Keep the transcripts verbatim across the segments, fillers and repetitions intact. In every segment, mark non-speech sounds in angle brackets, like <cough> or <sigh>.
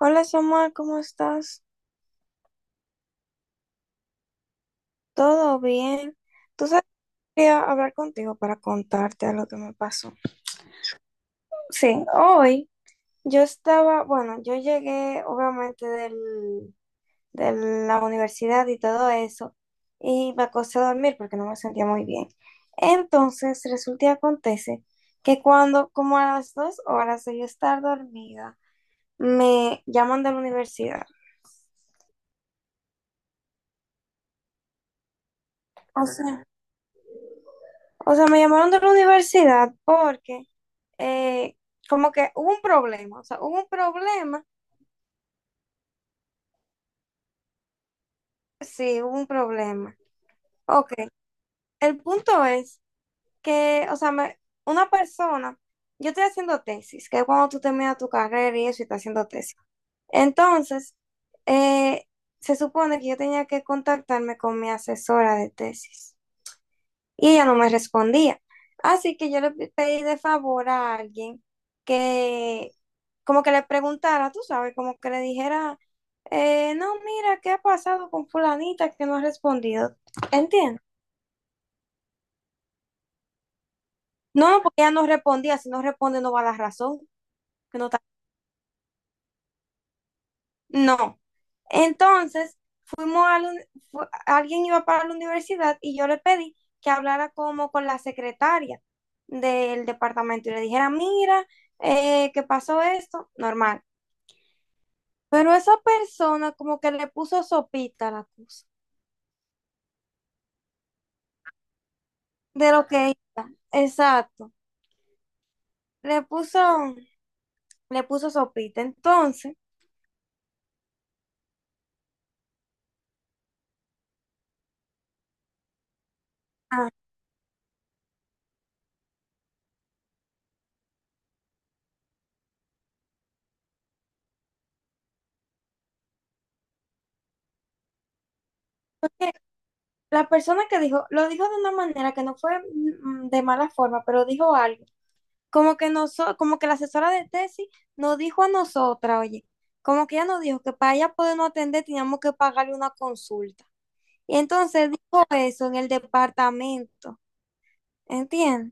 Hola Samuel, ¿cómo estás? ¿Todo bien? Tú sabes que quería hablar contigo para contarte algo que me pasó. Sí, hoy yo estaba, bueno, yo llegué obviamente del, de la universidad y todo eso y me acosté a dormir porque no me sentía muy bien. Entonces resulta y acontece que cuando, como a las dos horas de yo estar dormida, me llaman de la universidad. O sea, o sea, me llamaron de la universidad porque... eh, como que hubo un problema, o sea, hubo un problema, sí, hubo un problema. Ok, el punto es que, o sea, me- una persona, yo estoy haciendo tesis, que es cuando tú terminas tu carrera y eso y estás haciendo tesis. Entonces, eh, se supone que yo tenía que contactarme con mi asesora de tesis. Y ella no me respondía. Así que yo le pe- pedí de favor a alguien que como que le preguntara, tú sabes, como que le dijera, eh, no, mira, ¿qué ha pasado con fulanita que no ha respondido? ¿Entiendes? No, porque ella no respondía, si no responde no va a la razón, que no está. No. Entonces, fuimos a la uni- fu- alguien iba para la universidad y yo le pedí que hablara como con la secretaria del departamento y le dijera, mira, eh, que pasó esto, normal. Pero esa persona como que le puso sopita a la cosa, de lo que iba, exacto. Le puso, le puso sopita. Entonces, ah, la persona que dijo, lo dijo de una manera que no fue mm, de mala forma, pero dijo algo. Como que noso- como que la asesora de tesis nos dijo a nosotras, oye, como que ella nos dijo que para ella podernos atender teníamos que pagarle una consulta. Y entonces dijo eso en el departamento, ¿entiendes?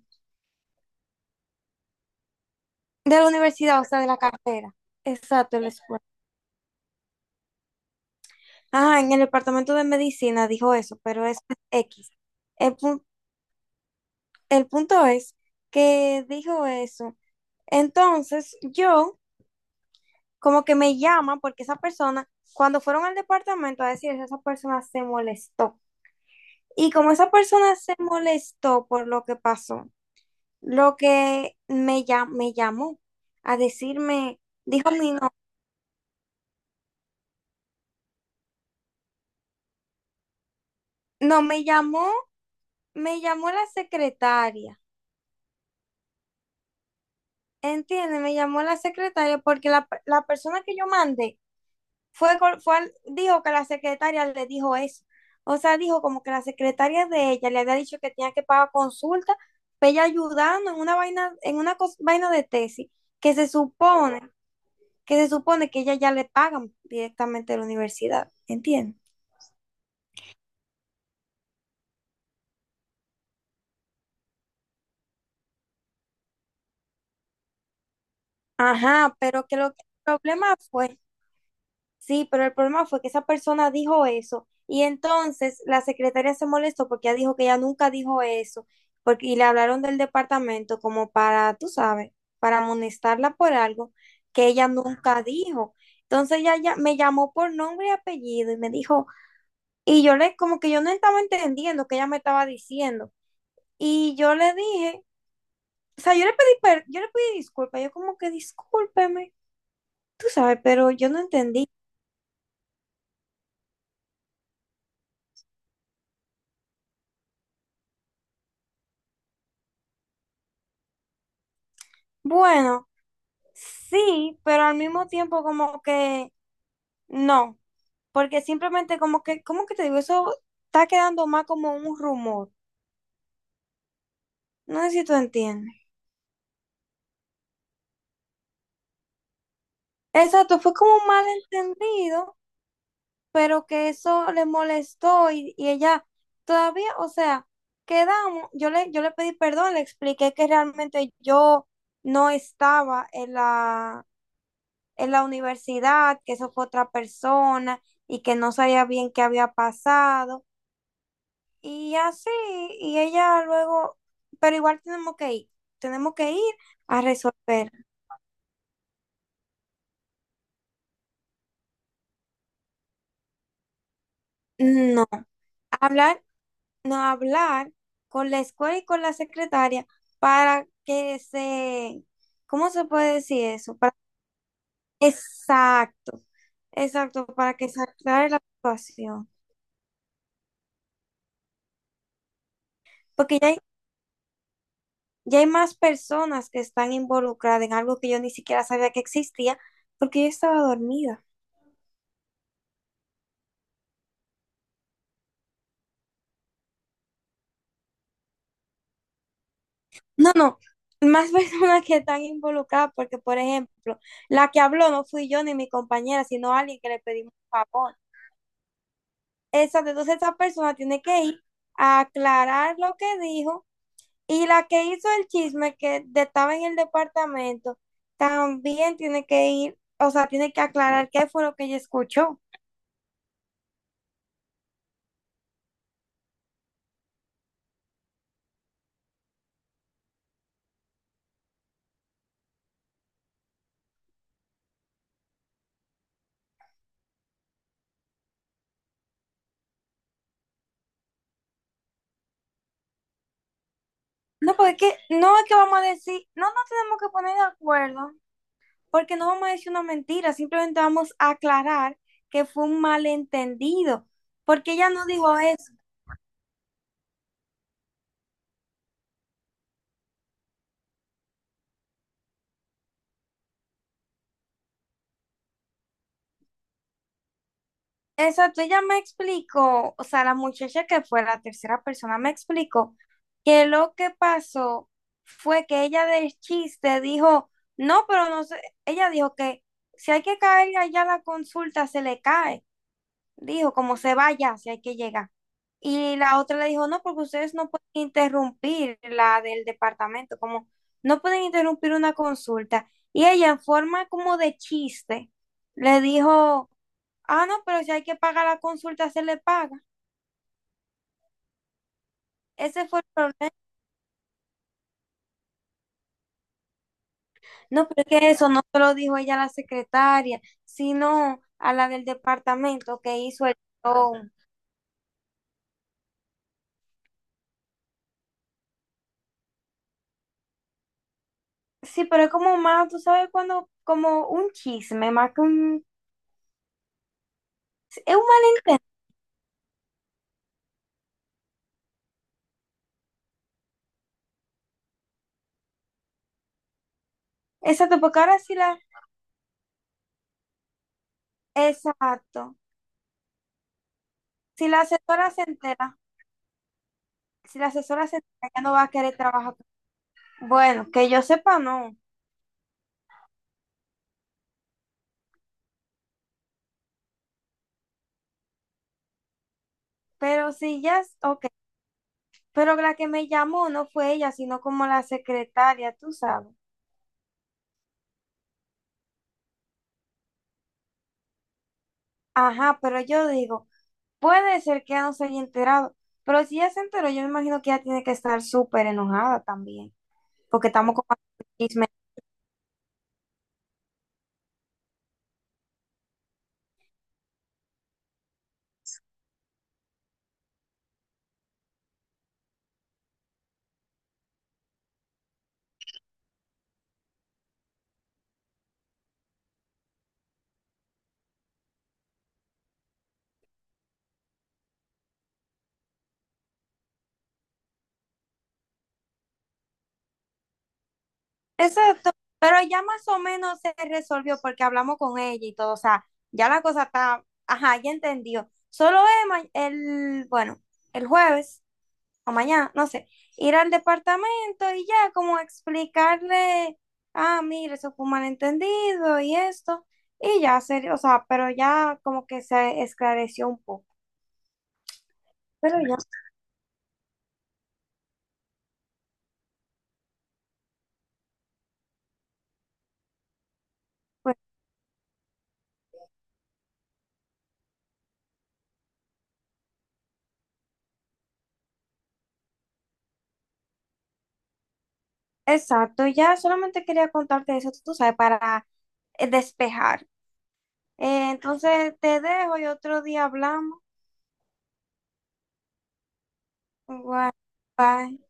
De la universidad, o sea, de la carrera. Exacto, en la escuela. Ajá, en el departamento de medicina dijo eso, pero eso es X. El, pu- el punto es que dijo eso. Entonces yo como que me llama porque esa persona, cuando fueron al departamento a decir eso, esa persona se molestó. Y como esa persona se molestó por lo que pasó, lo que me, llam- me llamó a decirme, dijo mi no, no, me llamó, me llamó la secretaria, ¿entiendes? Me llamó la secretaria porque la, pe- la persona que yo mandé fue, con- fue, al- dijo que la secretaria le dijo eso. O sea, dijo como que la secretaria de ella le había dicho que tenía que pagar consulta, pero ella ayudando en una vaina, en una cos- vaina de tesis, que se supone, que se supone que ella ya le pagan directamente de la universidad, ¿entiendes? Ajá, pero que lo que el problema fue. Sí, pero el problema fue que esa persona dijo eso y entonces la secretaria se molestó porque ella dijo que ella nunca dijo eso porque, y le hablaron del departamento como para, tú sabes, para amonestarla por algo que ella nunca dijo. Entonces ella ya me llamó por nombre y apellido y me dijo, y yo le, como que yo no estaba entendiendo que ella me estaba diciendo. Y yo le dije, o sea, yo le pedí, per- yo le pedí disculpas, yo como que discúlpeme, tú sabes, pero yo no entendí. Bueno. Sí, pero al mismo tiempo como que no, porque simplemente como que, ¿cómo que te digo? Eso está quedando más como un rumor. No sé si tú entiendes. Exacto, fue como un malentendido, pero que eso le molestó y, y ella todavía, o sea, quedamos, yo le, yo le pedí perdón, le expliqué que realmente yo no estaba en la, en la universidad, que eso fue otra persona y que no sabía bien qué había pasado. Y así, y ella luego, pero igual tenemos que ir, tenemos que ir a resolver. No, hablar, no hablar con la escuela y con la secretaria para que se, ¿cómo se puede decir eso? Para- exacto, exacto, para que se aclare la situación. Porque ya hay, ya hay más personas que están involucradas en algo que yo ni siquiera sabía que existía porque yo estaba dormida. No, no, más personas <laughs> que están involucradas, porque por ejemplo, la que habló no fui yo ni mi compañera, sino alguien que le pedimos un favor. Esa, entonces esa persona tiene que ir a aclarar lo que dijo y la que hizo el chisme que de- estaba en el departamento también tiene que ir, o sea, tiene que aclarar qué fue lo que ella escuchó. No, porque es que- no es que vamos a decir, no nos tenemos que poner de acuerdo. Porque no vamos a decir una mentira, simplemente vamos a aclarar que fue un malentendido, porque ella no dijo eso. Exacto, ella me explicó, o sea, la muchacha que fue la tercera persona me explicó que lo que pasó fue que ella del chiste dijo, no, pero no sé, ella dijo que si hay que caer allá a la consulta, se le cae. Dijo, como se vaya, si hay que llegar. Y la otra le dijo, no, porque ustedes no pueden interrumpir la del departamento, como no pueden interrumpir una consulta. Y ella, en forma como de chiste, le dijo, ah, no, pero si hay que pagar la consulta, se le paga. Ese fue el problema. No, pero es que eso no se lo dijo ella a la secretaria, sino a la del departamento que hizo el show. Sí, pero es como más, tú sabes, cuando, como un chisme, más que un, es un malentendido. Exacto, porque ahora sí la, exacto. Si la asesora se entera, si la asesora se entera, ya no va a querer trabajar. con- Bueno, que yo sepa, no. Pero si ya, es- ok. Pero la que me llamó no fue ella, sino como la secretaria, tú sabes. Ajá, pero yo digo, puede ser que ya no se haya enterado. Pero si ya se enteró, yo me imagino que ella tiene que estar súper enojada también. Porque estamos con. Exacto, pero ya más o menos se resolvió porque hablamos con ella y todo, o sea, ya la cosa está, ajá, ya entendió. Solo es ma- el, bueno, el jueves o mañana, no sé, ir al departamento y ya como explicarle, ah, mire, eso fue un malentendido y esto, y ya, serio, o sea, pero ya como que se esclareció un poco, pero ya, pues, exacto, ya solamente quería contarte eso, tú sabes, para eh, despejar. Eh, entonces te dejo y otro día hablamos. Igual, bye.